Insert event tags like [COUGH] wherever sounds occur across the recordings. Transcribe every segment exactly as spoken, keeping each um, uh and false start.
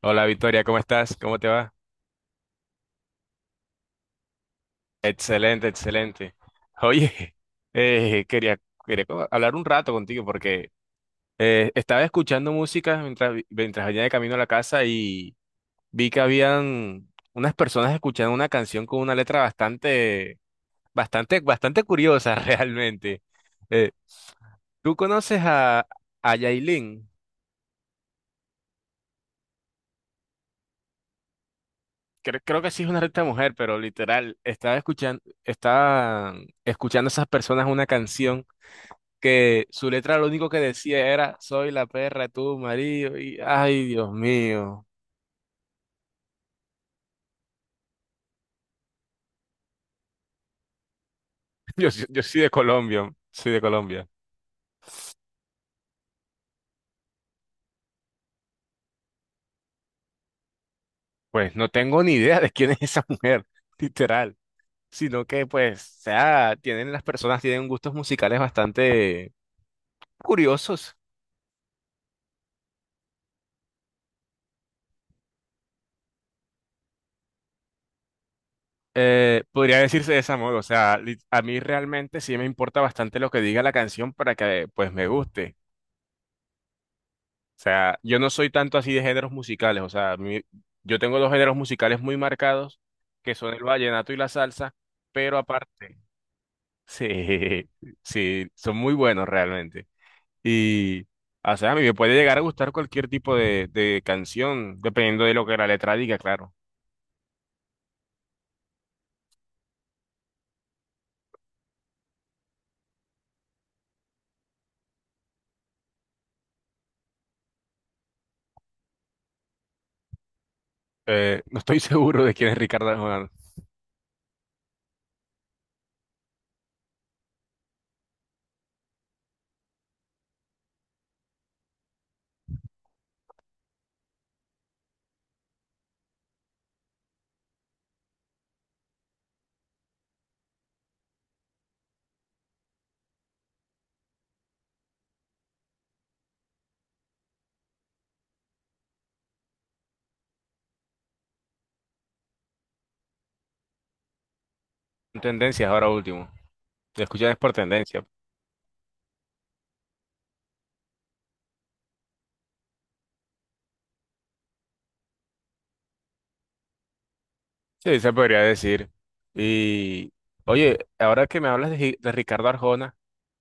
Hola Victoria, ¿cómo estás? ¿Cómo te va? Excelente, excelente. Oye, [LAUGHS] eh, quería, quería co- hablar un rato contigo porque eh, estaba escuchando música mientras, vi- mientras venía de camino a la casa y vi que habían unas personas escuchando una canción con una letra bastante, bastante, bastante curiosa [LAUGHS] realmente. Eh, ¿tú conoces a, a Yailin? Creo Creo, que sí es una letra mujer, pero literal, estaba escuchando, estaba escuchando esas personas una canción que su letra lo único que decía era, soy la perra de tu marido, y ay, Dios mío. [LAUGHS] Yo, yo, yo soy de Colombia, soy de Colombia. Pues no tengo ni idea de quién es esa mujer, [LAUGHS] literal, sino que pues, o sea, tienen las personas, tienen gustos musicales bastante curiosos. Eh, podría decirse de esa modo, o sea, li- a mí realmente sí me importa bastante lo que diga la canción para que pues me guste. O sea, yo no soy tanto así de géneros musicales, o sea, mi- yo tengo dos géneros musicales muy marcados, que son el vallenato y la salsa, pero aparte, sí, [LAUGHS] sí, son muy buenos realmente. Y, o sea, a mí me puede llegar a gustar cualquier tipo de, de canción, dependiendo de lo que la letra diga, claro. Eh, no estoy [LAUGHS] seguro de quién es Ricardo Arjona. Son tendencias ahora último. Te escuchas por tendencia. Sí, se podría decir. Y oye, ahora que me hablas de, Gi- de Ricardo Arjona,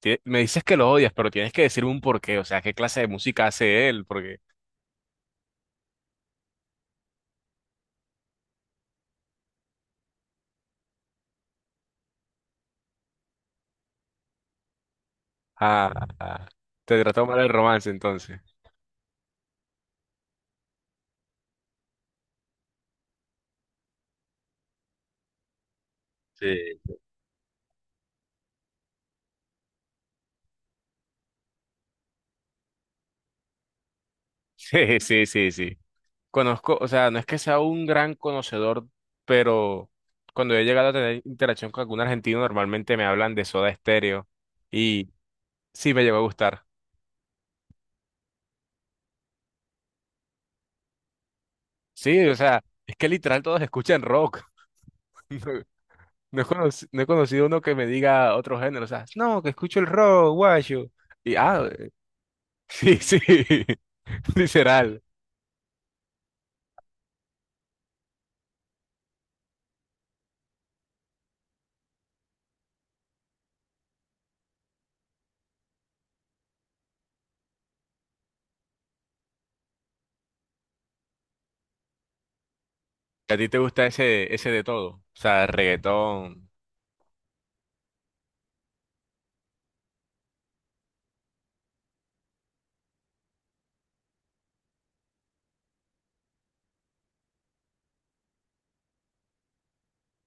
ti- me dices que lo odias, pero tienes que decirme un porqué, o sea, qué clase de música hace él, porque ah, ah, te trató mal el romance entonces. Sí. [LAUGHS] Sí, sí, sí, sí. Conozco, o sea, no es que sea un gran conocedor, pero cuando he llegado a tener interacción con algún argentino, normalmente me hablan de Soda Stereo y sí me llegó a gustar. Sí, o sea, es que literal todos escuchan rock. [LAUGHS] No he conocido no he conocido uno que me diga otro género, o sea, no, que escucho el rock, guayo. Y ah, [LAUGHS] sí, sí, [LAUGHS] literal. ¿A ti te gusta ese, ese de todo? O sea, reggaetón,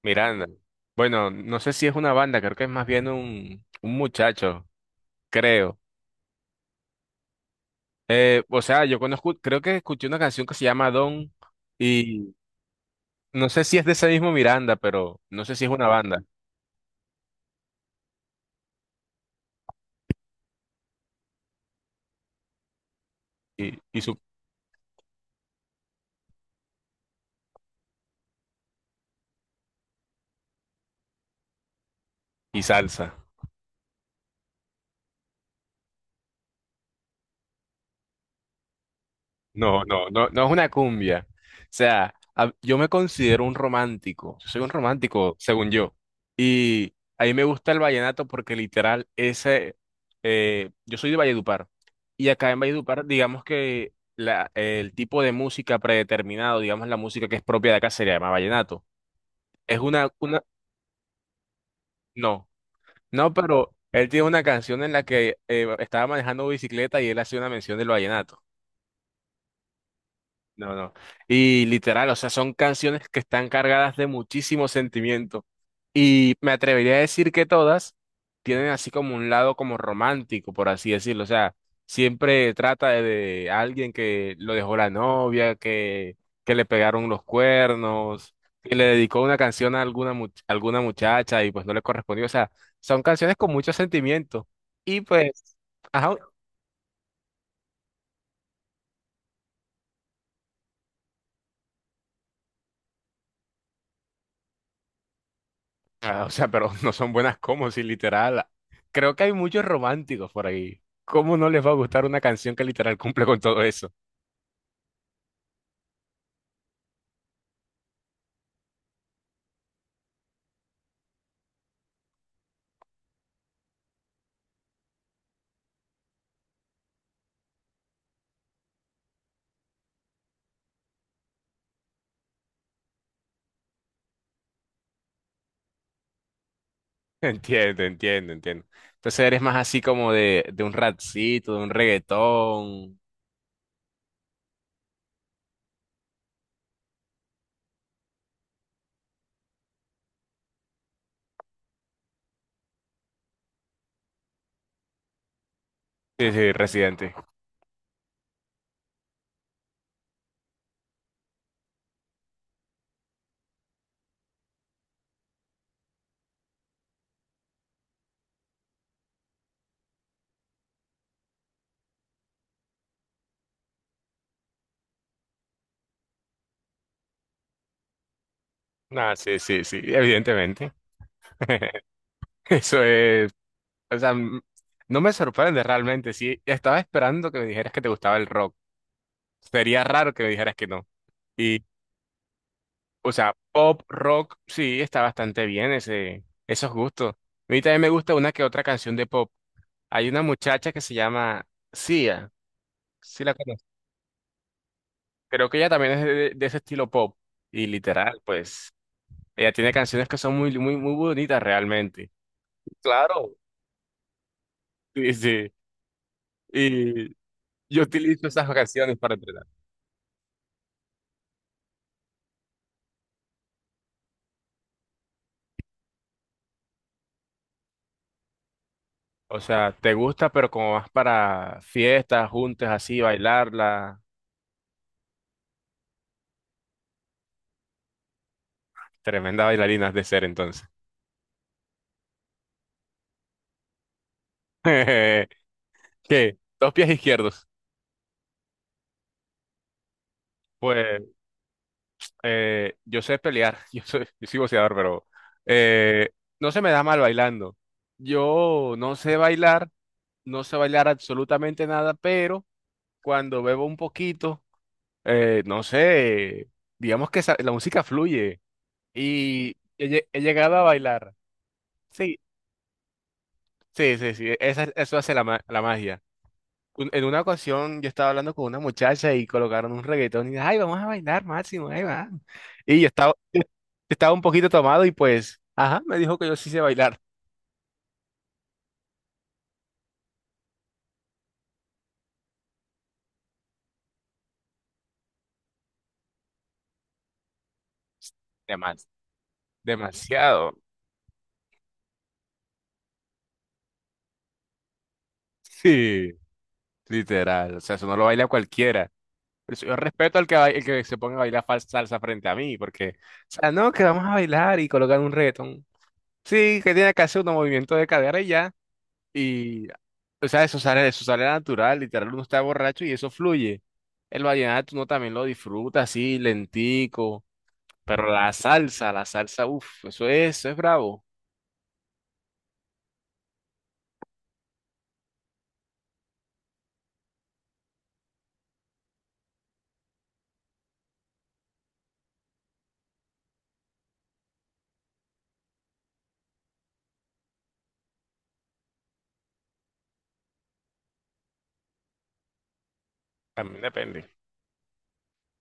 Miranda. Bueno, no sé si es una banda, creo que es más bien un, un muchacho, creo. Eh, o sea, yo conozco, creo que escuché una canción que se llama Don y no sé si es de ese mismo Miranda, pero no sé si es una banda y, y, su, y salsa. No, no, no, no es una cumbia. O sea, a- yo me considero un romántico. Yo soy un romántico, según yo. Y a mí me gusta el vallenato porque literal, ese, eh, yo soy de Valledupar. Y acá en Valledupar, digamos que la, el tipo de música predeterminado, digamos la música que es propia de acá, se le llama vallenato. Es una, una, no, no, pero él tiene una canción en la que eh, estaba manejando bicicleta y él hace una mención del vallenato. No, no. Y literal, o sea, son canciones que están cargadas de muchísimo sentimiento. Y me atrevería a decir que todas tienen así como un lado como romántico, por así decirlo. O sea, siempre trata de, de alguien que lo dejó la novia, que, que le pegaron los cuernos, que le dedicó una canción a alguna, much- alguna muchacha y pues no le correspondió. O sea, son canciones con mucho sentimiento. Y pues, ajá, ah, o sea, pero [LAUGHS] no son buenas como si literal. Creo que hay muchos románticos por ahí. ¿Cómo no les va a gustar una canción que literal cumple con todo eso? [LAUGHS] Entiendo, entiendo, entiendo. Entonces eres más así como de, de un rapcito, de un reggaetón. Sí, sí, Residente. Ah, sí, sí, sí, evidentemente. [LAUGHS] Eso es, o sea, m- no me sorprende realmente. Sí, estaba esperando que me dijeras que te gustaba el rock. Sería raro que me dijeras que no. O sea, pop, rock, sí, está bastante bien ese, esos gustos. A mí también me gusta una que otra canción de pop. Hay una muchacha que se llama Sia, sí la conozco. Creo que ella también es de, de ese estilo pop. Y literal, pues, ella tiene canciones que son muy, muy, muy bonitas realmente. Claro. Sí, sí. Y yo utilizo esas canciones para entrenar. O sea, te gusta, pero como vas para fiestas, juntas, así, bailarla. Tremenda bailarina has de ser entonces. [LAUGHS] ¿Qué? Dos pies izquierdos. Pues eh, yo sé pelear, [LAUGHS] yo soy, yo soy boxeador, pero eh, no se me da mal bailando. Yo no sé bailar, no sé bailar absolutamente nada, pero cuando bebo un poquito, eh, no sé, digamos que esa- la música fluye y he, lle- he llegado a bailar. Sí, sí, sí, sí, esa- eso hace la, ma- la magia. Un- En una ocasión yo estaba hablando con una muchacha y colocaron un reggaetón y dije, ay, vamos a bailar, Máximo, ahí va. Y yo estaba, Estaba un poquito tomado y pues, ajá, me dijo que yo sí sé bailar. De demasiado. Sí, literal. O sea, eso no lo baila cualquiera. Por eso yo respeto al que, ba- el que se ponga a bailar fal- salsa frente a mí, porque, o sea, no, que vamos a bailar y colocar un reggaetón. Sí, que tiene que hacer un movimiento de cadera y ya. Y, o sea, eso sale, eso sale natural, literal, uno está borracho y eso fluye. El vallenato uno también lo disfruta así, lentico. Pero la salsa, la salsa, uff, eso es, eso es bravo. También depende.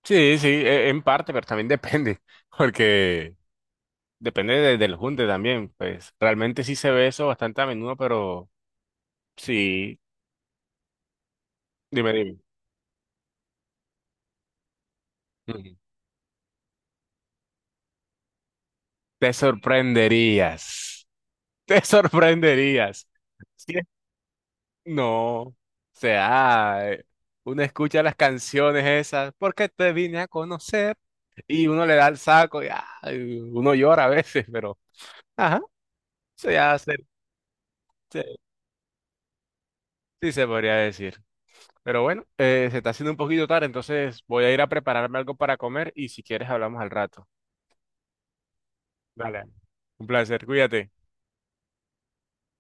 Sí, sí, e- en parte, pero también [LAUGHS] depende, porque depende de- del junte también, pues realmente sí se ve eso bastante a menudo, pero sí, dime, dime. Ujú. Te sorprenderías, [LAUGHS] te sorprenderías. Sí, no, o sea, eh, uno escucha las canciones esas, porque te vine a conocer, y uno le da el saco, y ay, uno llora a veces, pero, ajá, se hace, sí, sí se podría decir. Pero bueno, eh, se está haciendo un poquito tarde, entonces voy a ir a prepararme algo para comer y si quieres hablamos al rato. Dale. Un placer, cuídate.